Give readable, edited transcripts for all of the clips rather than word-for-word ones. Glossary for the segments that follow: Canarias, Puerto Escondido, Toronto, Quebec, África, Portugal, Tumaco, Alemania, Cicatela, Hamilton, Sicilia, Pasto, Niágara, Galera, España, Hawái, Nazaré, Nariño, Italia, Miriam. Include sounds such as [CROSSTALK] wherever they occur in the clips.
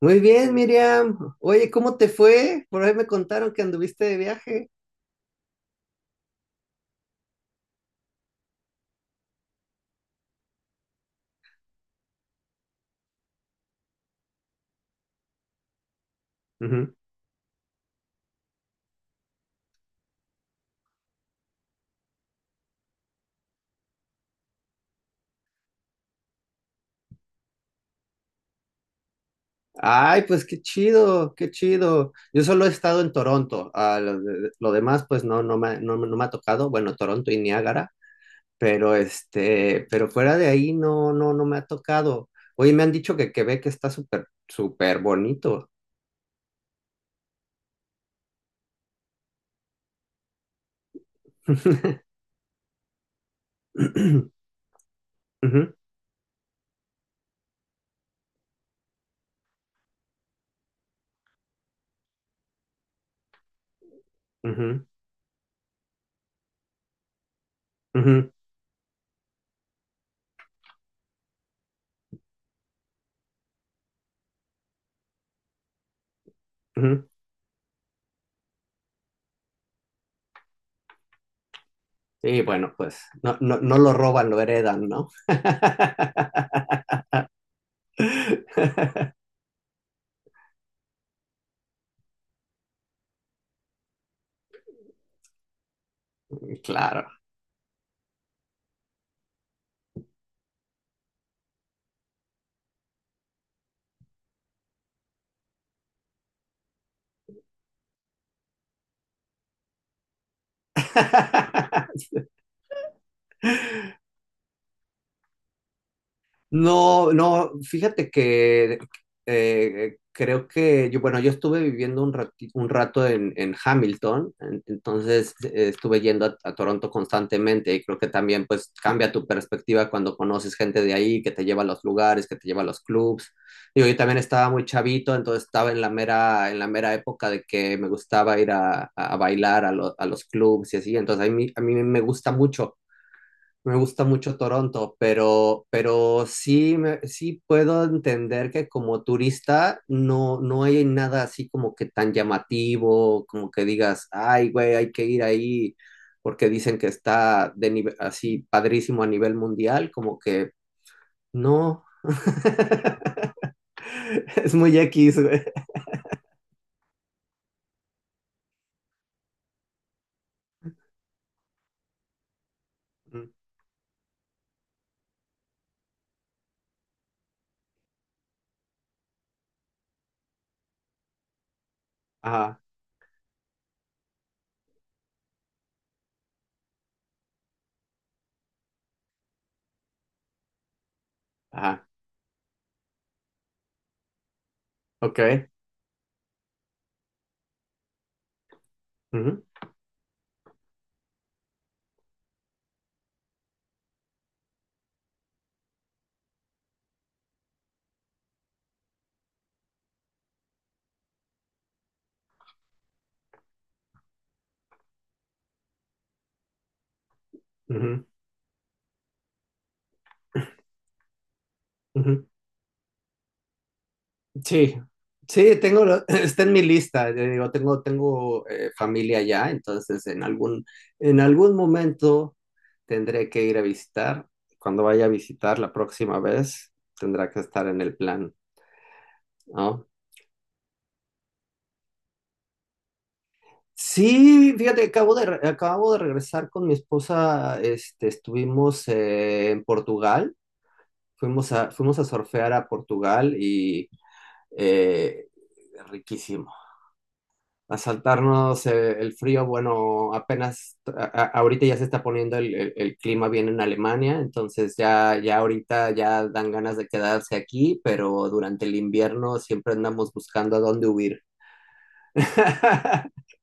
Muy bien, Miriam. Oye, ¿cómo te fue? Por ahí me contaron que anduviste de viaje. Ujú. Ay, pues qué chido, qué chido. Yo solo he estado en Toronto. Lo demás, pues no me ha tocado. Bueno, Toronto y Niágara, pero pero fuera de ahí no me ha tocado. Oye, me han dicho que Quebec está súper, súper bonito. [LAUGHS] Ujú, ujú, ujú, ujú. Y bueno, pues no lo roban, lo heredan, ¿no? [LAUGHS] Claro. [LAUGHS] No, no, fíjate que creo que yo, bueno, yo estuve viviendo un rato en Hamilton, entonces estuve yendo a Toronto constantemente y creo que también pues cambia tu perspectiva cuando conoces gente de ahí que te lleva a los lugares, que te lleva a los clubs. Digo, yo también estaba muy chavito, entonces estaba en la mera época de que me gustaba ir a bailar a, a los clubs y así, entonces a mí me gusta mucho. Me gusta mucho Toronto, pero sí, sí puedo entender que como turista no, no hay nada así como que tan llamativo, como que digas, ay, güey, hay que ir ahí porque dicen que está así padrísimo a nivel mundial, como que no. [LAUGHS] Es muy X, güey. Ajá, ajá, ok. Ujú, ujú, ujú. Sí, sí, [LAUGHS] está en mi lista. Te digo, tengo, familia allá, entonces en algún momento tendré que ir a visitar. Cuando vaya a visitar la próxima vez, tendrá que estar en el plan, ¿no? Sí, fíjate, acabo de regresar con mi esposa, este, estuvimos en Portugal, fuimos a surfear a Portugal y eh, riquísimo. A saltarnos el frío. Bueno, ahorita ya se está poniendo el clima bien en Alemania, entonces ya ahorita ya dan ganas de quedarse aquí, pero durante el invierno siempre andamos buscando a dónde huir. [LAUGHS]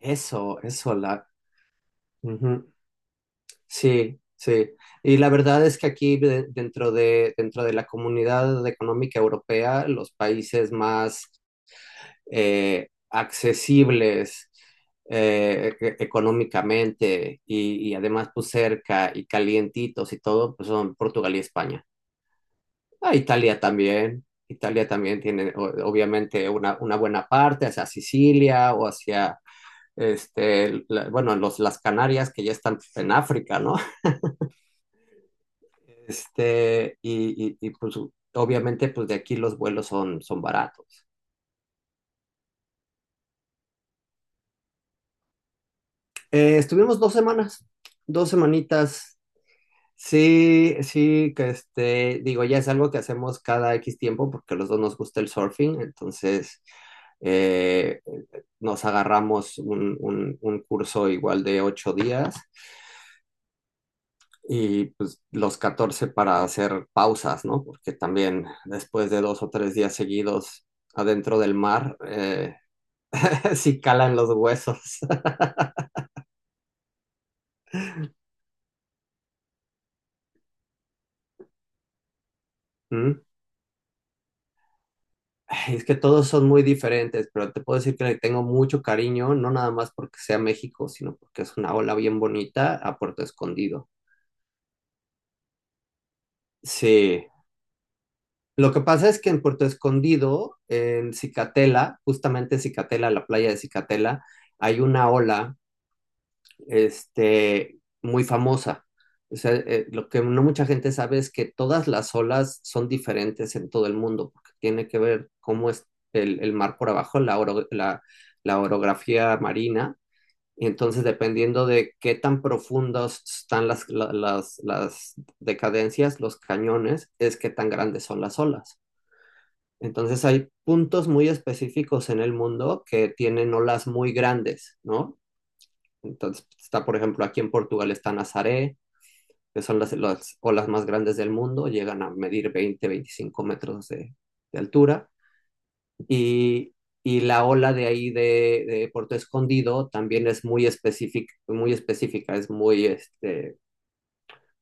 Eso, ujú. Sí, sí. Y la verdad es que aquí dentro de la comunidad económica europea, los países más accesibles económicamente y además pues cerca y calientitos y todo, pues son Portugal y España. Ah, Italia también. Italia también tiene obviamente una buena parte hacia Sicilia o hacia, bueno, las Canarias que ya están en África, ¿no? [LAUGHS] Y, y, pues obviamente pues de aquí los vuelos son, son baratos. Estuvimos 2 semanas, dos semanitas. Sí, sí, que digo, ya es algo que hacemos cada X tiempo porque a los dos nos gusta el surfing, entonces eh, nos agarramos un curso igual de 8 días y pues los 14 para hacer pausas, ¿no? Porque también después de 2 o 3 días seguidos adentro del mar, [LAUGHS] sí calan los huesos. [LAUGHS] Ay, es que todos son muy diferentes, pero te puedo decir que le tengo mucho cariño, no nada más porque sea México, sino porque es una ola bien bonita a Puerto Escondido. Sí. Lo que pasa es que en Puerto Escondido, en Cicatela, justamente Cicatela, la playa de Cicatela, hay una ola muy famosa. O sea, lo que no mucha gente sabe es que todas las olas son diferentes en todo el mundo, porque tiene que ver cómo es el mar por abajo, la orografía marina, y entonces, dependiendo de qué tan profundas están las decadencias, los cañones, es qué tan grandes son las olas. Entonces, hay puntos muy específicos en el mundo que tienen olas muy grandes, ¿no? Entonces, está, por ejemplo, aquí en Portugal está Nazaré, que son las olas más grandes del mundo, llegan a medir 20, 25 metros de altura. Y, y la ola de ahí de Puerto Escondido también es muy específica, es muy,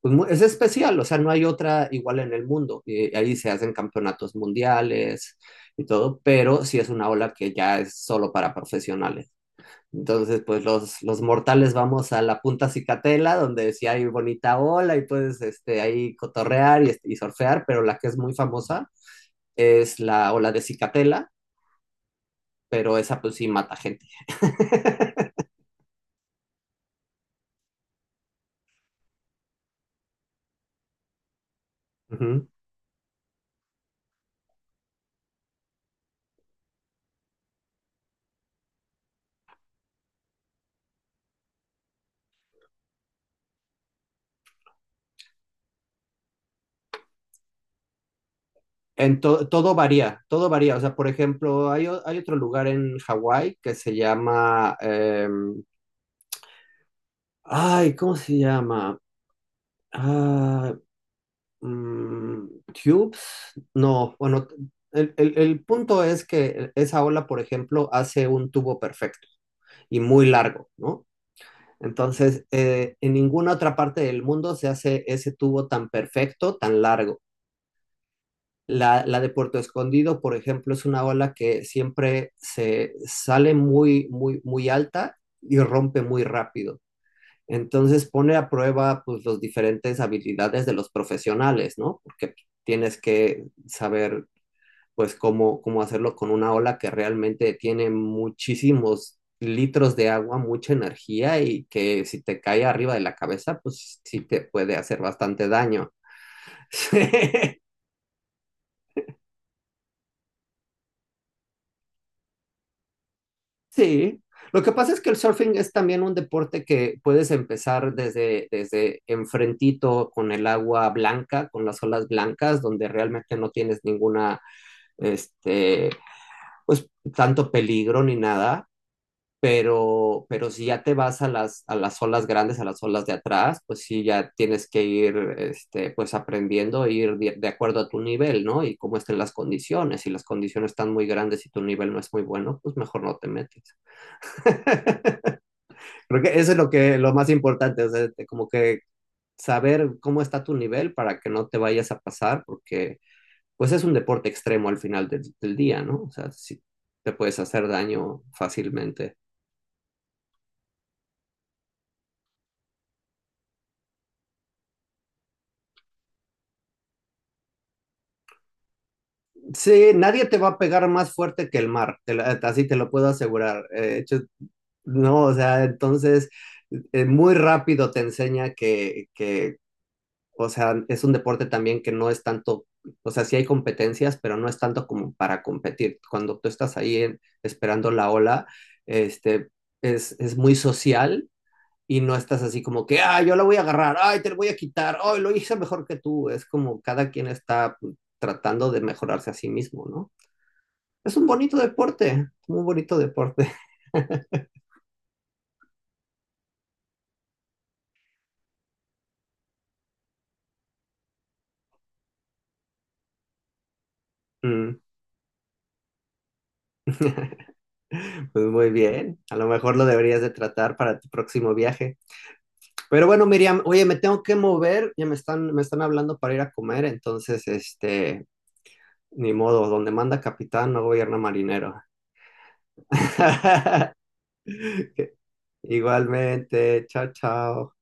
pues, es especial, o sea, no hay otra igual en el mundo. Y ahí se hacen campeonatos mundiales y todo, pero sí es una ola que ya es solo para profesionales. Entonces, pues los mortales vamos a la punta Cicatela, donde sí hay bonita ola y puedes ahí cotorrear y surfear, pero la que es muy famosa es la ola de Cicatela, pero esa pues sí mata gente. Ujú. Todo varía, todo varía. O sea, por ejemplo, hay otro lugar en Hawái que se llama, ay, ¿cómo se llama? Ah, mm, Tubes, no, bueno, el punto es que esa ola, por ejemplo, hace un tubo perfecto y muy largo, ¿no? Entonces, en ninguna otra parte del mundo se hace ese tubo tan perfecto, tan largo. La de Puerto Escondido, por ejemplo, es una ola que siempre se sale muy, muy, muy alta y rompe muy rápido. Entonces pone a prueba pues las diferentes habilidades de los profesionales, ¿no? Porque tienes que saber pues cómo, cómo hacerlo con una ola que realmente tiene muchísimos litros de agua, mucha energía y que si te cae arriba de la cabeza, pues sí te puede hacer bastante daño. [LAUGHS] Sí, lo que pasa es que el surfing es también un deporte que puedes empezar desde, desde enfrentito con el agua blanca, con las olas blancas, donde realmente no tienes ninguna, este, pues tanto peligro ni nada, pero si ya te vas a las olas grandes, a las olas de atrás, pues sí ya tienes que ir, pues aprendiendo, ir de acuerdo a tu nivel, ¿no? Y cómo estén las condiciones. Si las condiciones están muy grandes y tu nivel no es muy bueno, pues mejor no te metes. Creo que eso es lo que lo más importante, o sea, como que saber cómo está tu nivel para que no te vayas a pasar, porque pues es un deporte extremo al final del día, ¿no? O sea, si te puedes hacer daño fácilmente. Sí, nadie te va a pegar más fuerte que el mar, así te lo puedo asegurar. De hecho, no, o sea, entonces muy rápido te enseña que o sea, es un deporte también que no es tanto, o sea, sí hay competencias, pero no es tanto como para competir. Cuando tú estás ahí esperando la ola, este, es muy social y no estás así como que, ah, yo la voy a agarrar, ay, te la voy a quitar, ay, lo hice mejor que tú. Es como cada quien está pues, tratando de mejorarse a sí mismo, ¿no? Es un bonito deporte, muy bonito deporte. [LAUGHS] Mm. Pues muy bien, a lo mejor lo deberías de tratar para tu próximo viaje. Pero bueno, Miriam, oye, me tengo que mover, ya me están hablando para ir a comer, entonces, ni modo, donde manda capitán no gobierna marinero. [LAUGHS] Igualmente, chao, chao.